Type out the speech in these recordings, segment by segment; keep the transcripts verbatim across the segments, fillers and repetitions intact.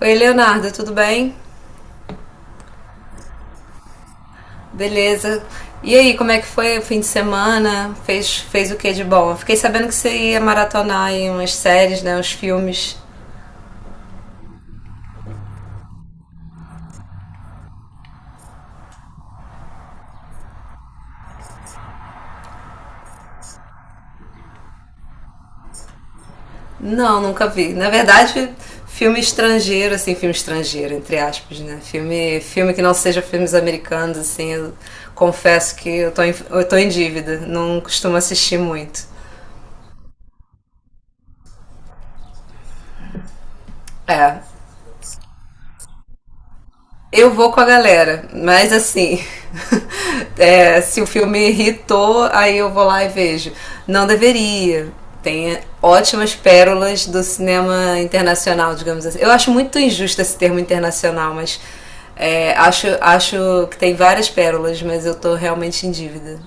Oi, Leonardo, tudo bem? Beleza. E aí, como é que foi o fim de semana? Fez, fez o que de bom? Eu fiquei sabendo que você ia maratonar aí umas séries, né? Uns filmes. Não, nunca vi. Na verdade, filme estrangeiro, assim, filme estrangeiro, entre aspas, né? Filme, filme que não seja filmes americanos, assim, eu confesso que eu tô em, eu tô em dívida, não costumo assistir muito. É, eu vou com a galera, mas assim, é, se o filme irritou, aí eu vou lá e vejo. Não deveria. Tem ótimas pérolas do cinema internacional, digamos assim. Eu acho muito injusto esse termo internacional, mas é, acho, acho que tem várias pérolas, mas eu tô realmente em dívida.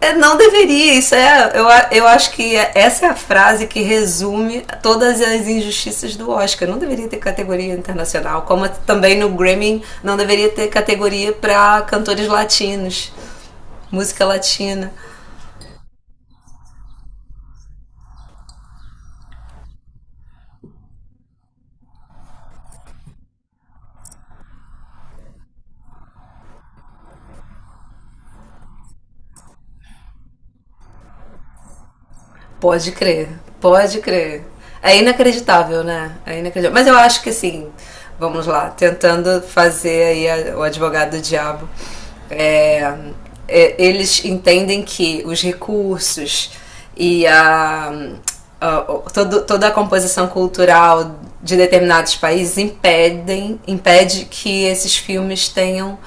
É, não deveria, isso é. Eu, eu acho que é, essa é a frase que resume todas as injustiças do Oscar. Não deveria ter categoria internacional, como também no Grammy não deveria ter categoria para cantores latinos, música latina. Pode crer, pode crer. É inacreditável, né? É inacreditável. Mas eu acho que assim, vamos lá, tentando fazer aí a- o advogado do diabo. É, é, eles entendem que os recursos e a, a- o- todo- toda a composição cultural de determinados países impedem, impede que esses filmes tenham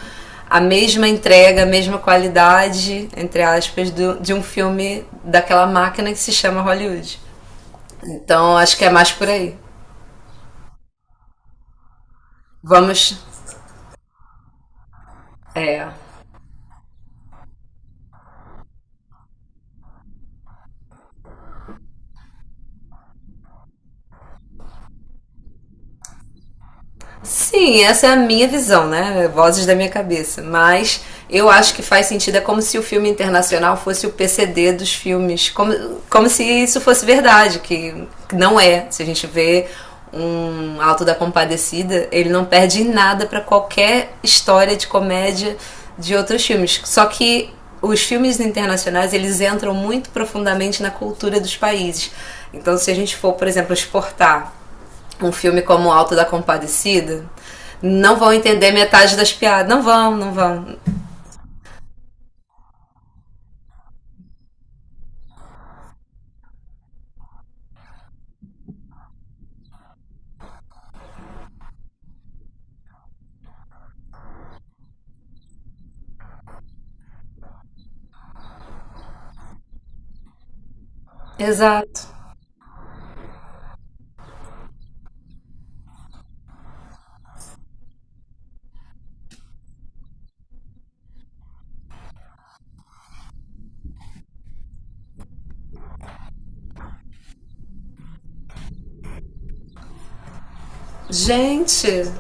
a mesma entrega, a mesma qualidade, entre aspas, do, de um filme daquela máquina que se chama Hollywood. Então acho que é mais por aí. Vamos. É. Sim, essa é a minha visão, né? Vozes da minha cabeça. Mas eu acho que faz sentido, é como se o filme internacional fosse o P C D dos filmes. Como, como se isso fosse verdade, que não é. Se a gente vê um Alto da Compadecida, ele não perde nada para qualquer história de comédia de outros filmes. Só que os filmes internacionais, eles entram muito profundamente na cultura dos países. Então, se a gente for, por exemplo, exportar um filme como Alto da Compadecida, não vão entender metade das piadas. Não vão, não vão. Exato. Gente.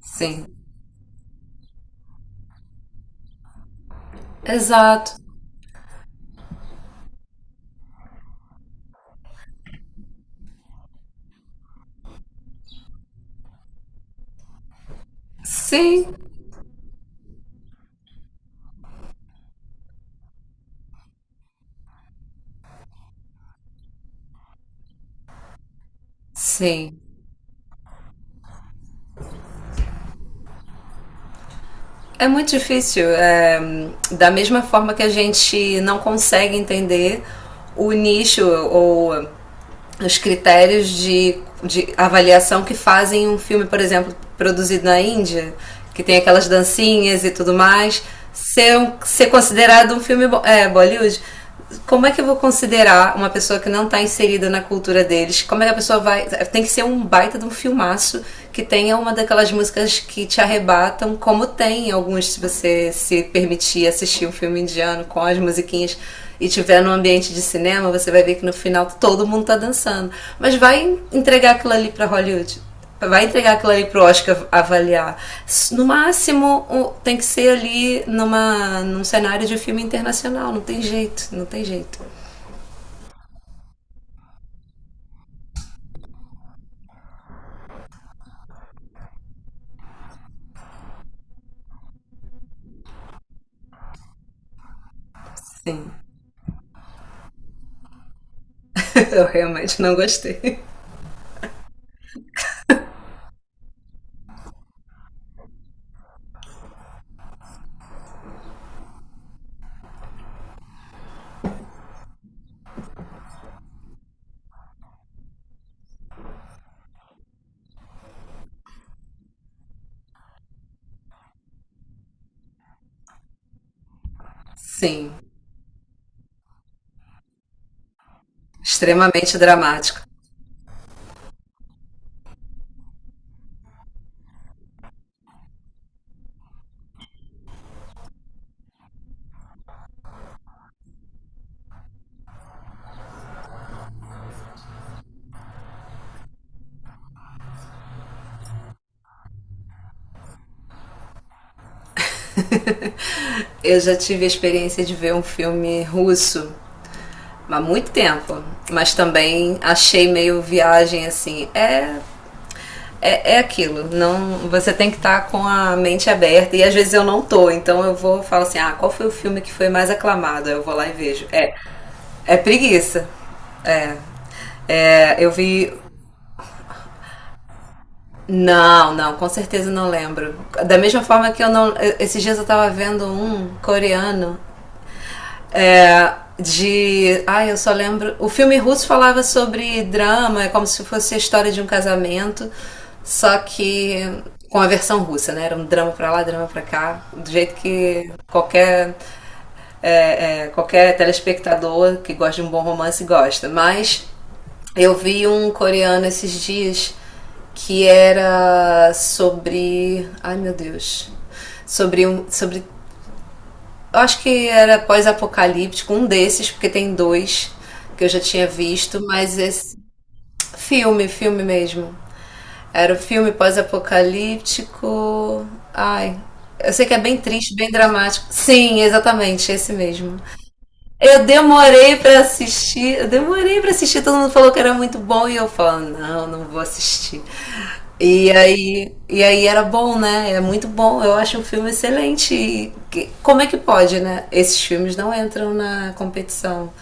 Sim. Exato. Sim. Sim. É muito difícil. É, da mesma forma que a gente não consegue entender o nicho ou os critérios de, de avaliação que fazem um filme, por exemplo, produzido na Índia, que tem aquelas dancinhas e tudo mais, ser, um- ser considerado um filme é, Bollywood. Como é que eu vou considerar uma pessoa que não está inserida na cultura deles? Como é que a pessoa vai. Tem que ser um baita de um filmaço que tenha uma daquelas músicas que te arrebatam, como tem alguns, se você se permitir assistir um filme indiano com as musiquinhas e tiver num ambiente de cinema, você vai ver que no final todo mundo tá dançando. Mas vai entregar aquilo ali para Hollywood? Vai entregar aquilo ali pro Oscar avaliar. No máximo, tem que ser ali numa, num cenário de filme internacional. Não tem jeito, não tem jeito. Sim. Eu realmente não gostei. Sim. Extremamente dramático. Eu já tive a experiência de ver um filme russo há muito tempo, mas também achei meio viagem assim. É É, é aquilo, não, você tem que estar tá com a mente aberta e às vezes eu não tô, então eu vou falo assim, ah, qual foi o filme que foi mais aclamado? Aí eu vou lá e vejo. É, é preguiça. É, eu vi, não, não, com certeza não lembro. Da mesma forma que eu não, esses dias eu tava vendo um coreano. É, de. Ah, eu só lembro. O filme russo falava sobre drama, é como se fosse a história de um casamento, só que com a versão russa, né? Era um drama pra lá, drama pra cá, do jeito que qualquer. é, é, qualquer telespectador que gosta de um bom romance gosta. Mas eu vi um coreano esses dias que era sobre. Ai meu Deus. Sobre, um, sobre eu acho que era pós-apocalíptico, um desses, porque tem dois que eu já tinha visto, mas esse filme, filme mesmo. Era o filme pós-apocalíptico. Ai, eu sei que é bem triste, bem dramático. Sim, exatamente, esse mesmo. Eu demorei pra assistir, eu demorei pra assistir, todo mundo falou que era muito bom e eu falo, não, não vou assistir. E aí, e aí era bom, né? É muito bom, eu acho o filme excelente. E que- como é que pode, né? Esses filmes não entram na competição,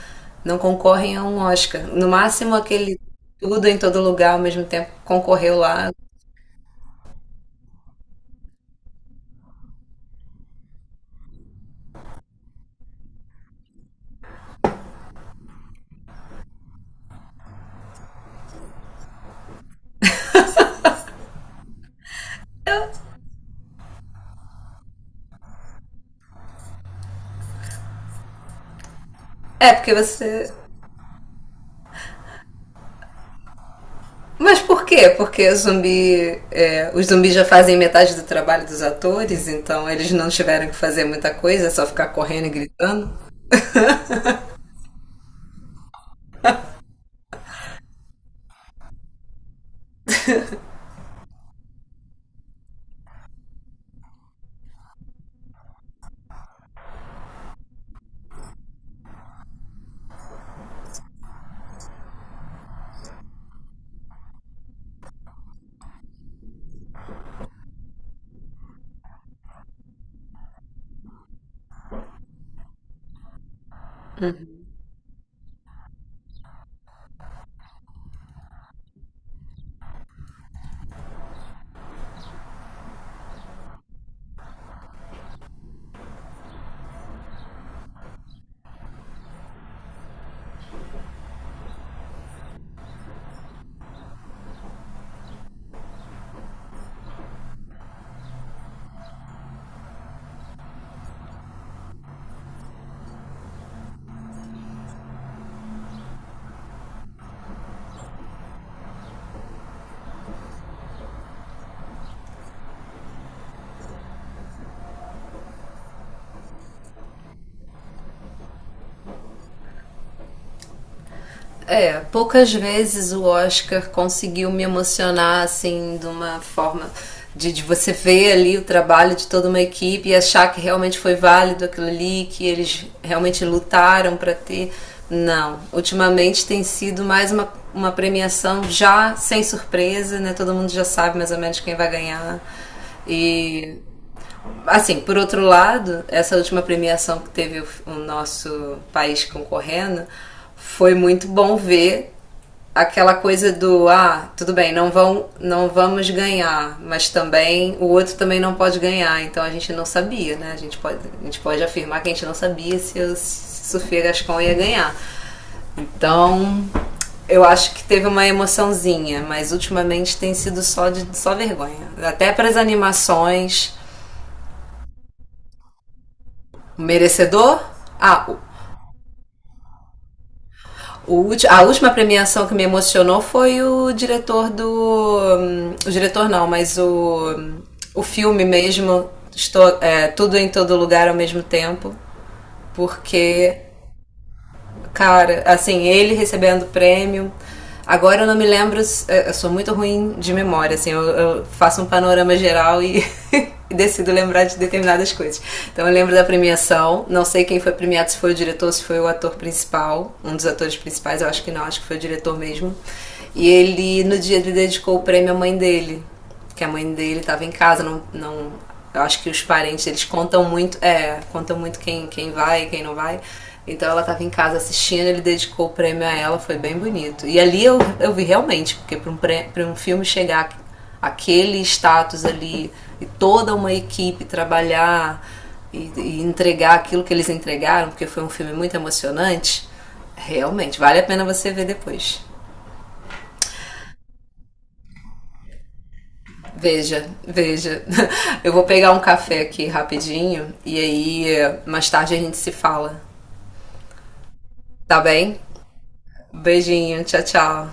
não concorrem a um Oscar. No máximo aquele Tudo em Todo Lugar ao Mesmo Tempo concorreu lá. É, porque você. Mas por quê? Porque zumbi, é, os zumbis já fazem metade do trabalho dos atores, então eles não tiveram que fazer muita coisa, é só ficar correndo e gritando. É, poucas vezes o Oscar conseguiu me emocionar assim de uma forma de, de você ver ali o trabalho de toda uma equipe e achar que realmente foi válido aquilo ali, que eles realmente lutaram para ter. Não, ultimamente tem sido mais uma, uma premiação já sem surpresa, né? Todo mundo já sabe mais ou menos quem vai ganhar. E assim, por outro lado, essa última premiação que teve o, o nosso país concorrendo foi muito bom ver aquela coisa do ah, tudo bem, não vão não vamos ganhar, mas também o outro também não pode ganhar, então a gente não sabia, né? A gente pode, a gente pode afirmar que a gente não sabia se o Sofia Gascon ia ganhar. Então, eu acho que teve uma emoçãozinha, mas ultimamente tem sido só de só vergonha. Até para as animações, merecedor? Ah, o, a última premiação que me emocionou foi o diretor do. Hum, o diretor não, mas o, o filme mesmo, estou, é, Tudo em Todo Lugar ao Mesmo Tempo, porque cara, assim, ele recebendo prêmio. Agora eu não me lembro, eu sou muito ruim de memória, assim, eu, eu faço um panorama geral e, e decido lembrar de determinadas coisas. Então eu lembro da premiação, não sei quem foi premiado, se foi o diretor, se foi o ator principal, um dos atores principais, eu acho que não, acho que foi o diretor mesmo. E ele, no dia, ele dedicou o prêmio à mãe dele, que a mãe dele estava em casa, não, não, eu acho que os parentes eles contam muito, é, contam muito quem quem vai e quem não vai. Então ela estava em casa assistindo, ele dedicou o prêmio a ela, foi bem bonito. E ali eu, eu vi realmente, porque para um, pré- pra um filme chegar aquele status ali e toda uma equipe trabalhar e, e entregar aquilo que eles entregaram, porque foi um filme muito emocionante, realmente vale a pena você ver depois. Veja, veja. Eu vou pegar um café aqui rapidinho e aí eh, mais tarde a gente se fala. Tá bem? Beijinho, tchau, tchau.